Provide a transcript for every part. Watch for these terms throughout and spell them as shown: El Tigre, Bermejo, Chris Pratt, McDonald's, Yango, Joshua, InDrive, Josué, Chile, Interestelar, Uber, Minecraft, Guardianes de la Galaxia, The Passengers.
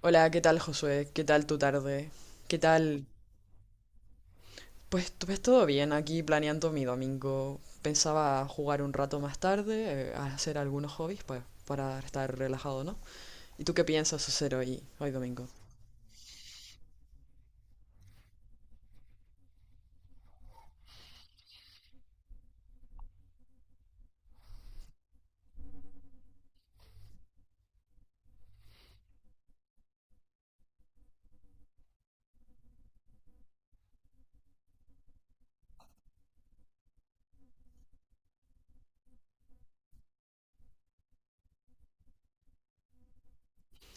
Hola, ¿qué tal Josué? ¿Qué tal tu tarde? ¿Qué tal? Pues todo bien, aquí planeando mi domingo. Pensaba jugar un rato más tarde, hacer algunos hobbies, pues para estar relajado, ¿no? ¿Y tú qué piensas hacer hoy domingo?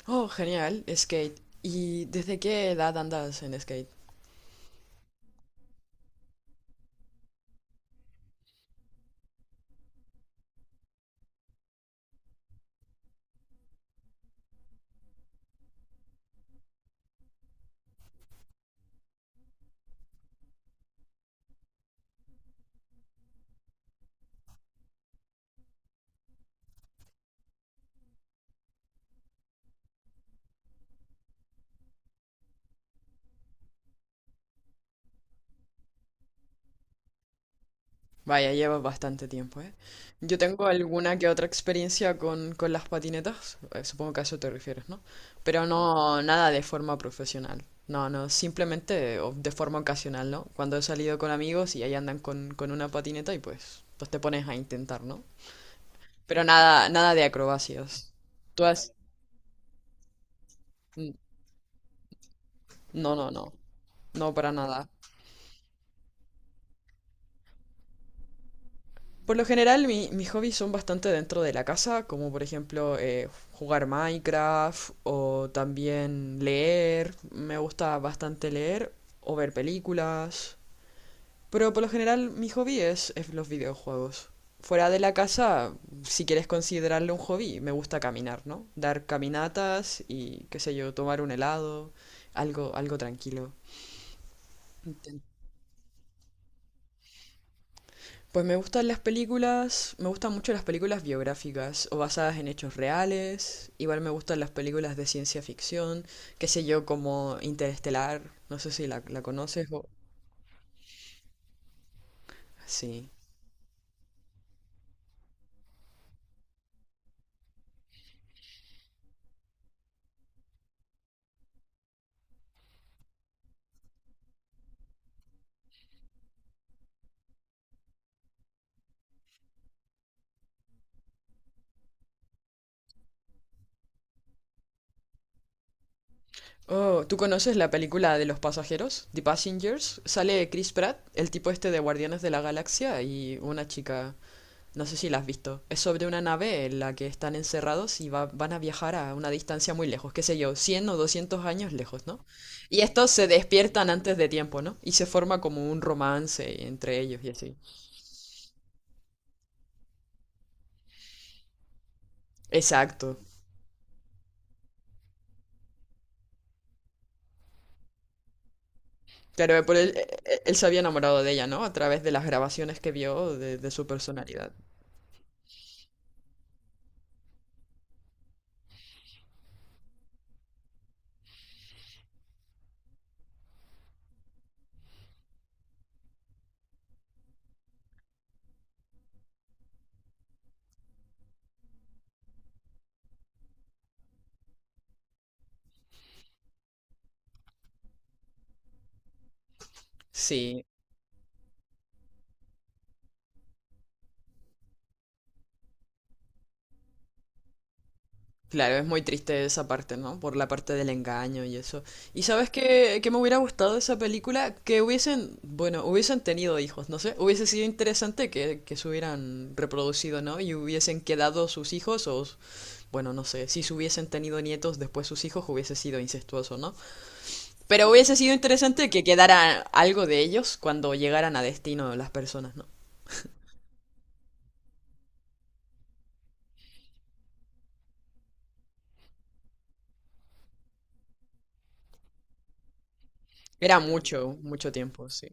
Oh, genial, skate. ¿Y desde qué edad andas en skate? Vaya, llevas bastante tiempo, ¿eh? Yo tengo alguna que otra experiencia con las patinetas, supongo que a eso te refieres, ¿no? Pero no nada de forma profesional, no, no, simplemente de forma ocasional, ¿no? Cuando he salido con amigos y ahí andan con una patineta y pues te pones a intentar, ¿no? Pero nada, nada de acrobacias. Tú has... n- No, no, no, no para nada. Por lo general, mis hobbies son bastante dentro de la casa, como por ejemplo jugar Minecraft o también leer. Me gusta bastante leer o ver películas. Pero por lo general, mi hobby es los videojuegos. Fuera de la casa, si quieres considerarlo un hobby, me gusta caminar, ¿no? Dar caminatas y, qué sé yo, tomar un helado, algo, algo tranquilo. Pues me gustan las películas, me gustan mucho las películas biográficas o basadas en hechos reales. Igual me gustan las películas de ciencia ficción, qué sé yo, como Interestelar, no sé si la conoces o... Sí. Oh, ¿tú conoces la película de los pasajeros, The Passengers? Sale Chris Pratt, el tipo este de Guardianes de la Galaxia, y una chica. No sé si la has visto. Es sobre una nave en la que están encerrados y van a viajar a una distancia muy lejos, qué sé yo, 100 o 200 años lejos, ¿no? Y estos se despiertan antes de tiempo, ¿no? Y se forma como un romance entre ellos y así. Exacto. Claro, por él, él se había enamorado de ella, ¿no? A través de las grabaciones que vio de su personalidad. Sí. Claro, es muy triste esa parte, ¿no? Por la parte del engaño y eso. ¿Y sabes qué me hubiera gustado de esa película? Que hubiesen, bueno, hubiesen tenido hijos, no sé. Hubiese sido interesante que se hubieran reproducido, ¿no? Y hubiesen quedado sus hijos o, bueno, no sé, si se hubiesen tenido nietos después sus hijos hubiese sido incestuoso, ¿no? Pero hubiese sido interesante que quedara algo de ellos cuando llegaran a destino las personas, ¿no? Era mucho, mucho tiempo, sí.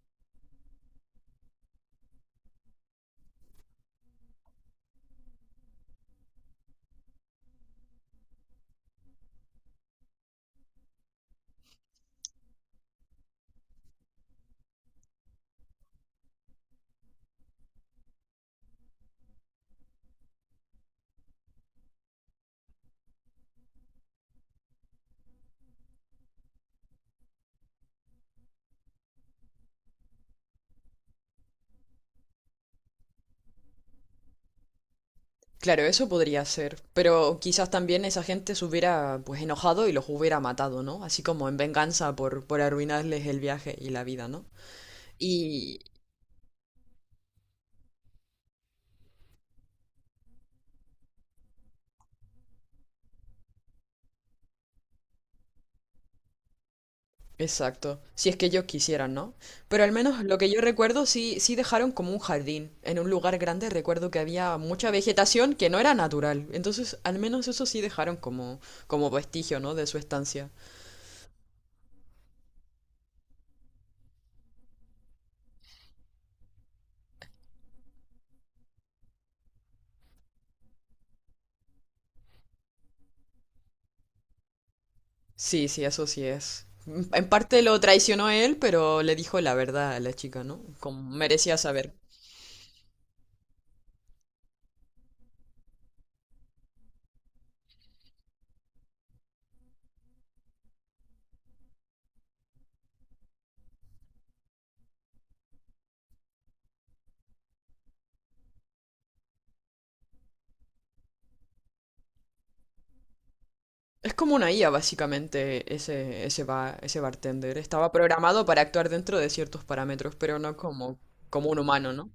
Claro, eso podría ser, pero quizás también esa gente se hubiera pues enojado y los hubiera matado, ¿no? Así como en venganza por arruinarles el viaje y la vida, ¿no? Y... Exacto, si es que ellos quisieran, ¿no? Pero al menos lo que yo recuerdo sí, sí dejaron como un jardín. En un lugar grande recuerdo que había mucha vegetación que no era natural. Entonces, al menos eso sí dejaron como, como vestigio, ¿no? De su estancia. Sí, sí, eso sí es. En parte lo traicionó él, pero le dijo la verdad a la chica, ¿no? Como merecía saber. Es como una IA, básicamente, ese bartender. Estaba programado para actuar dentro de ciertos parámetros, pero no como, como un humano, ¿no?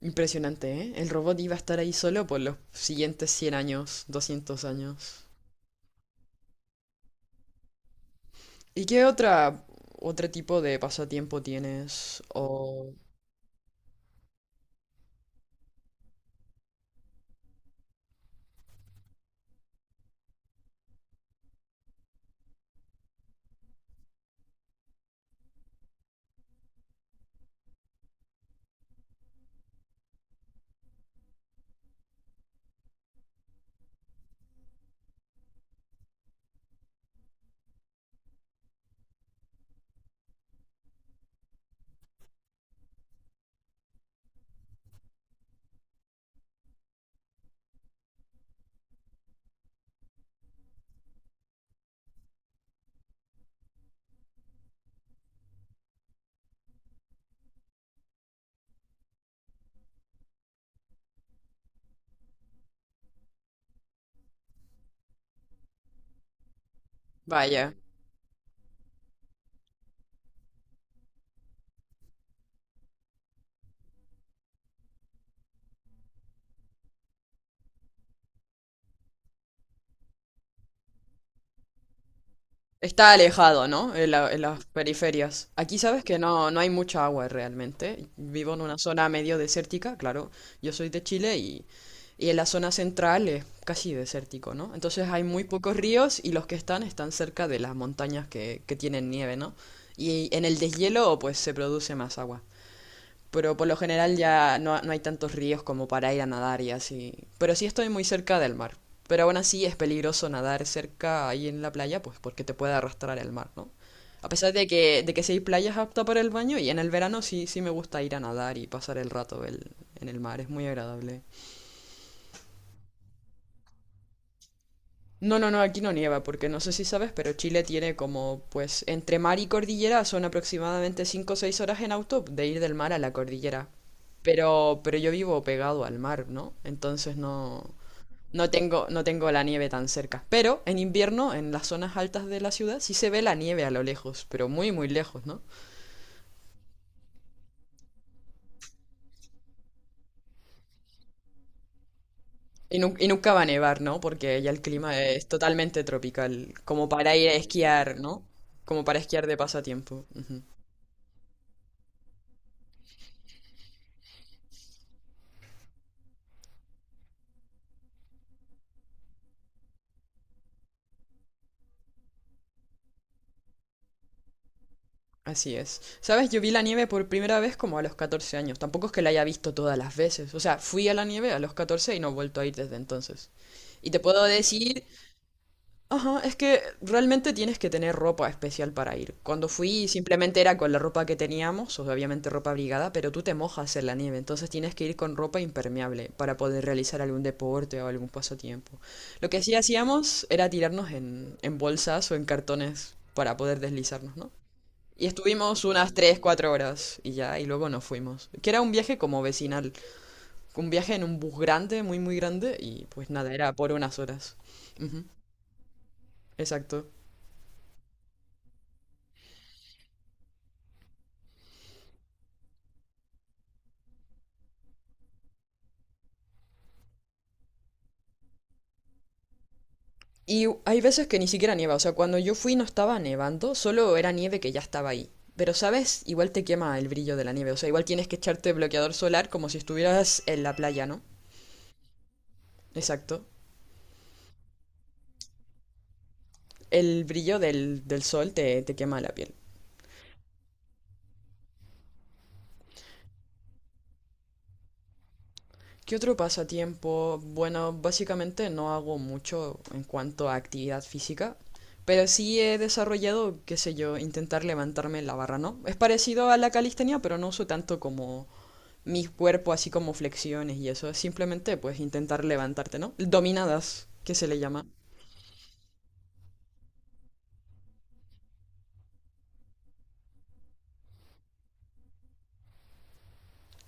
Impresionante, ¿eh? El robot iba a estar ahí solo por los siguientes cien años, doscientos años. ¿Y qué otra, otro tipo de pasatiempo tienes? O... Vaya. Está alejado, ¿no? En las periferias. Aquí sabes que no, no hay mucha agua realmente. Vivo en una zona medio desértica, claro. Yo soy de Chile y en la zona central es casi desértico, ¿no? Entonces hay muy pocos ríos y los que están están cerca de las montañas que tienen nieve, ¿no? Y en el deshielo pues se produce más agua. Pero por lo general ya no, no hay tantos ríos como para ir a nadar y así. Pero sí estoy muy cerca del mar. Pero aún así es peligroso nadar cerca ahí en la playa, pues porque te puede arrastrar el mar, ¿no? A pesar de que sí hay playas aptas para el baño y en el verano sí, sí me gusta ir a nadar y pasar el rato en el mar, es muy agradable. No, no, no, aquí no nieva, porque no sé si sabes, pero Chile tiene como, pues, entre mar y cordillera son aproximadamente 5 o 6 horas en auto de ir del mar a la cordillera. Pero yo vivo pegado al mar, ¿no? Entonces no, no tengo, no tengo la nieve tan cerca. Pero en invierno, en las zonas altas de la ciudad, sí se ve la nieve a lo lejos, pero muy, muy lejos, ¿no? Y nunca va a nevar, ¿no? Porque ya el clima es totalmente tropical, como para ir a esquiar, ¿no? Como para esquiar de pasatiempo. Ujú. Así es. Sabes, yo vi la nieve por primera vez como a los 14 años. Tampoco es que la haya visto todas las veces. O sea, fui a la nieve a los 14 y no he vuelto a ir desde entonces. Y te puedo decir, ajá, es que realmente tienes que tener ropa especial para ir. Cuando fui simplemente era con la ropa que teníamos, o obviamente ropa abrigada, pero tú te mojas en la nieve, entonces tienes que ir con ropa impermeable para poder realizar algún deporte o algún pasatiempo. Lo que sí hacíamos era tirarnos en bolsas o en cartones para poder deslizarnos, ¿no? Y estuvimos unas 3 4 horas y ya, y luego nos fuimos. Que era un viaje como vecinal, un viaje en un bus grande, muy, muy grande, y pues nada, era por unas horas. Ujú, exacto. Hay veces que ni siquiera nieva, o sea, cuando yo fui no estaba nevando, solo era nieve que ya estaba ahí. Pero, ¿sabes? Igual te quema el brillo de la nieve, o sea, igual tienes que echarte bloqueador solar como si estuvieras en la playa, ¿no? Exacto. El brillo del sol te quema la piel. ¿Qué otro pasatiempo? Bueno, básicamente no hago mucho en cuanto a actividad física, pero sí he desarrollado, qué sé yo, intentar levantarme la barra, ¿no? Es parecido a la calistenia, pero no uso tanto como mi cuerpo, así como flexiones y eso. Es Simplemente, pues, intentar levantarte, ¿no? Dominadas, que se le llama.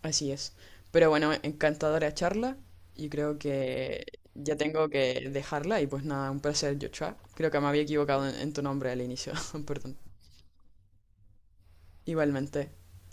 Así es. Pero bueno, encantadora charla y creo que ya tengo que dejarla y pues nada, un placer, Joshua. Creo que me había equivocado en tu nombre al inicio, perdón. Igualmente.